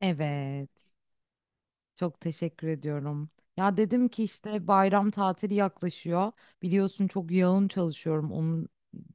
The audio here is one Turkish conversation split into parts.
Evet, çok teşekkür ediyorum. Ya dedim ki işte bayram tatili yaklaşıyor. Biliyorsun çok yoğun çalışıyorum onun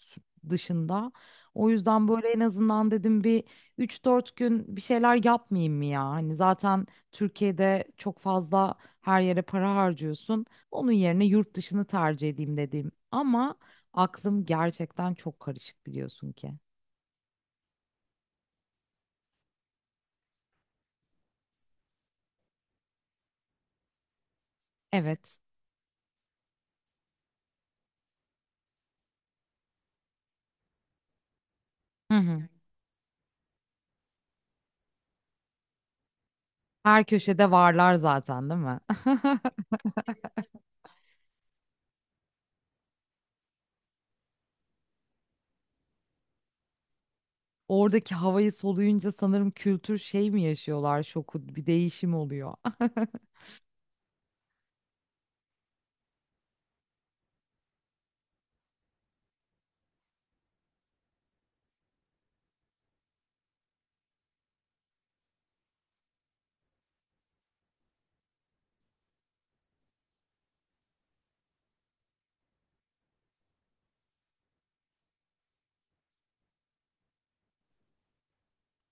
s- dışında. O yüzden böyle en azından dedim bir 3 4 gün bir şeyler yapmayayım mı ya? Hani zaten Türkiye'de çok fazla her yere para harcıyorsun. Onun yerine yurt dışını tercih edeyim dedim. Ama aklım gerçekten çok karışık biliyorsun ki. Evet. Hı hı. Her köşede varlar zaten, değil mi? Oradaki havayı soluyunca sanırım kültür şey mi yaşıyorlar şoku bir değişim oluyor.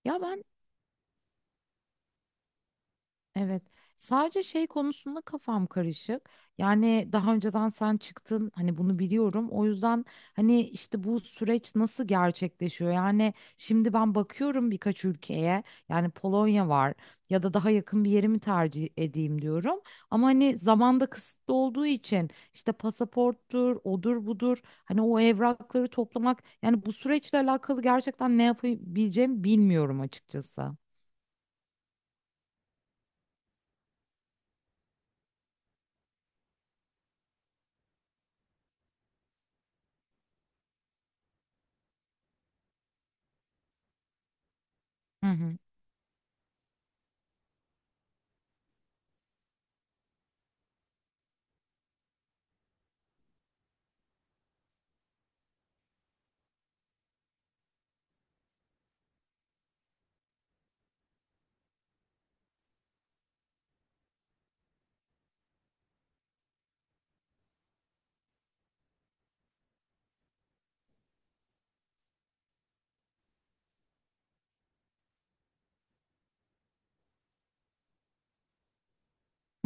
Ya ben, evet. Sadece şey konusunda kafam karışık. Yani daha önceden sen çıktın, hani bunu biliyorum. O yüzden hani işte bu süreç nasıl gerçekleşiyor? Yani şimdi ben bakıyorum birkaç ülkeye. Yani Polonya var ya da daha yakın bir yeri mi tercih edeyim diyorum. Ama hani zamanda kısıtlı olduğu için işte pasaporttur, odur budur. Hani o evrakları toplamak, yani bu süreçle alakalı gerçekten ne yapabileceğimi bilmiyorum açıkçası. Hı hı.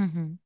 Hı hı.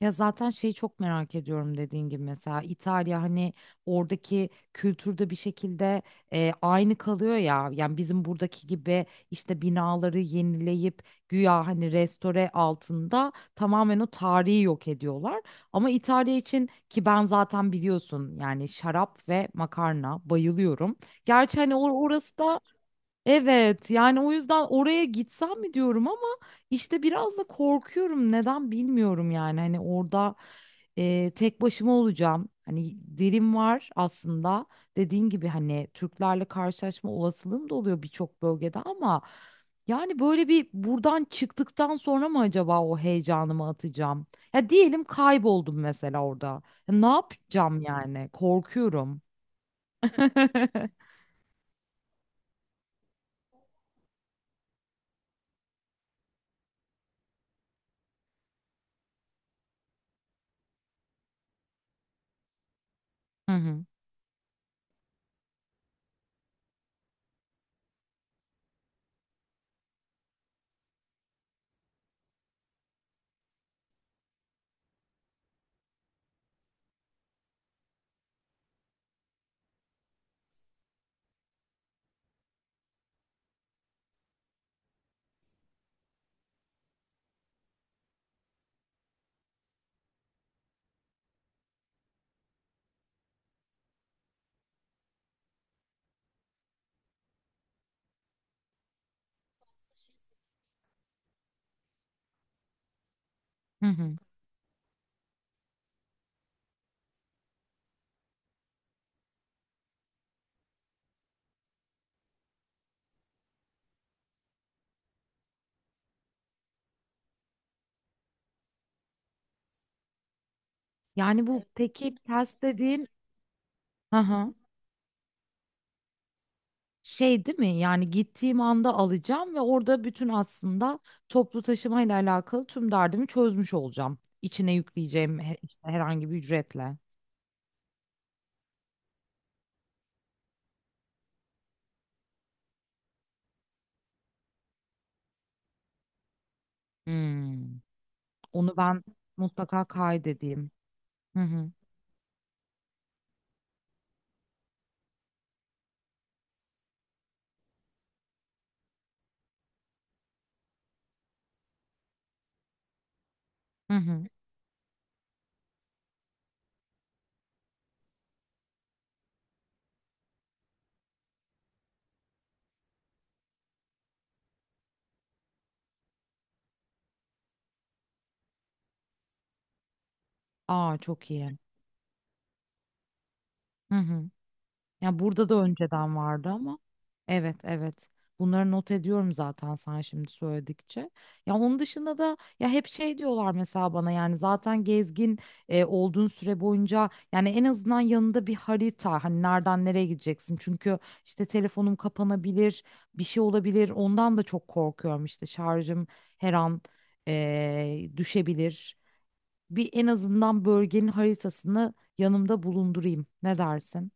Ya zaten şeyi çok merak ediyorum, dediğin gibi mesela İtalya, hani oradaki kültürde bir şekilde aynı kalıyor ya. Yani bizim buradaki gibi işte binaları yenileyip güya hani restore altında tamamen o tarihi yok ediyorlar. Ama İtalya için, ki ben zaten biliyorsun yani şarap ve makarna bayılıyorum. Gerçi hani orası da evet, yani o yüzden oraya gitsem mi diyorum ama işte biraz da korkuyorum, neden bilmiyorum. Yani hani orada tek başıma olacağım, hani dilim var aslında, dediğin gibi hani Türklerle karşılaşma olasılığım da oluyor birçok bölgede, ama yani böyle bir buradan çıktıktan sonra mı acaba o heyecanımı atacağım. Ya diyelim kayboldum mesela orada, ya ne yapacağım, yani korkuyorum. Hı hı. Hı hı. Yani bu peki test dediğin, hı hı, şey değil mi? Yani gittiğim anda alacağım ve orada bütün aslında toplu taşıma ile alakalı tüm derdimi çözmüş olacağım. İçine yükleyeceğim işte herhangi bir ücretle. Hmm. Onu ben mutlaka kaydedeyim. Hı hı. Hı hı. Aa çok iyi. Hı hı. Ya burada da önceden vardı ama. Evet, evet. Bunları not ediyorum zaten sen şimdi söyledikçe. Ya onun dışında da ya hep şey diyorlar mesela bana, yani zaten gezgin olduğun süre boyunca yani en azından yanında bir harita, hani nereden nereye gideceksin. Çünkü işte telefonum kapanabilir, bir şey olabilir. Ondan da çok korkuyorum, işte şarjım her an düşebilir. Bir en azından bölgenin haritasını yanımda bulundurayım. Ne dersin?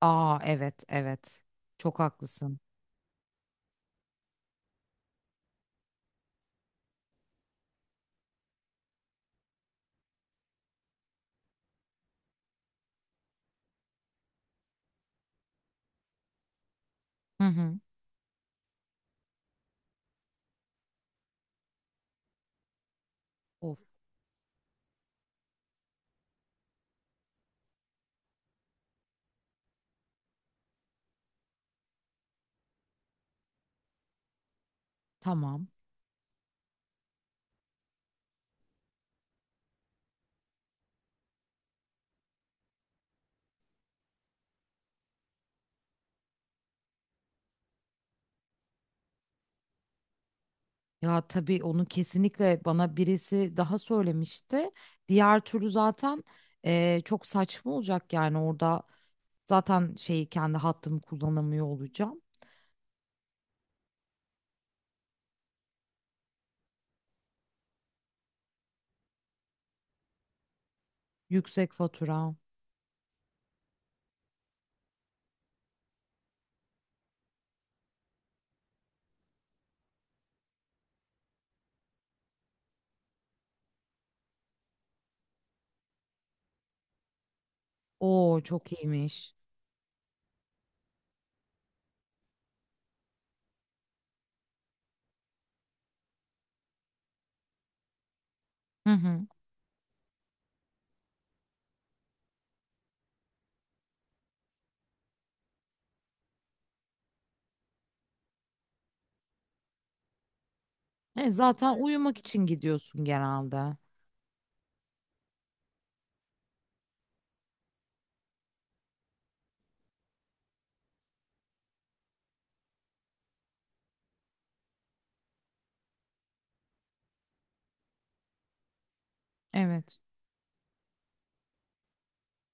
Aa evet, evet. Çok haklısın. Hı hı. Of, tamam. Ya tabii onu kesinlikle bana birisi daha söylemişti. Diğer türlü zaten çok saçma olacak yani orada zaten şeyi kendi hattımı kullanamıyor olacağım. Yüksek fatura. Oo çok iyiymiş. Hı hı. E, zaten uyumak için gidiyorsun genelde. Evet.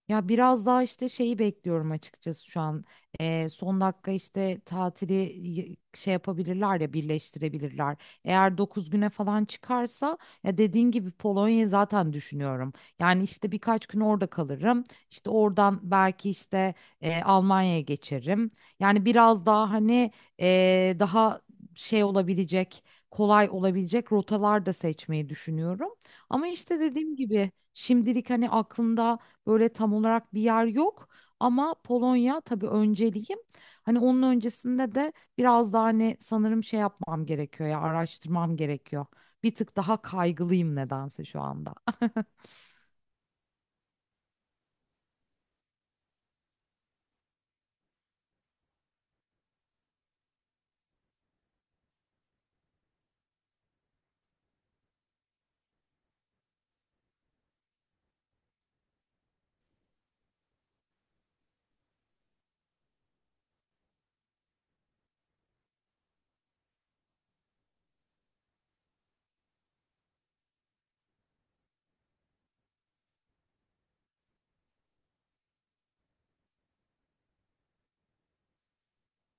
Ya biraz daha işte şeyi bekliyorum açıkçası şu an. Son dakika işte tatili şey yapabilirler ya, birleştirebilirler. Eğer 9 güne falan çıkarsa, ya dediğin gibi Polonya'yı zaten düşünüyorum. Yani işte birkaç gün orada kalırım. İşte oradan belki işte Almanya'ya geçerim. Yani biraz daha hani daha şey olabilecek, kolay olabilecek rotalar da seçmeyi düşünüyorum. Ama işte dediğim gibi şimdilik hani aklımda böyle tam olarak bir yer yok, ama Polonya tabii önceliğim. Hani onun öncesinde de biraz daha hani sanırım şey yapmam gerekiyor, ya araştırmam gerekiyor. Bir tık daha kaygılıyım nedense şu anda.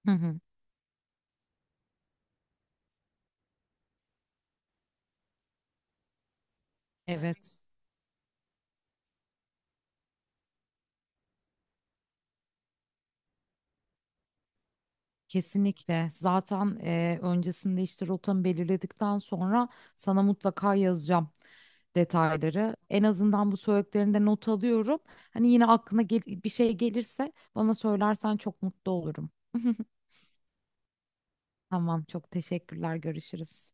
Hı hı, evet. Kesinlikle. Zaten öncesinde işte rotamı belirledikten sonra sana mutlaka yazacağım detayları. En azından bu söylediklerinde not alıyorum. Hani yine aklına bir şey gelirse bana söylersen çok mutlu olurum. Tamam, çok teşekkürler. Görüşürüz.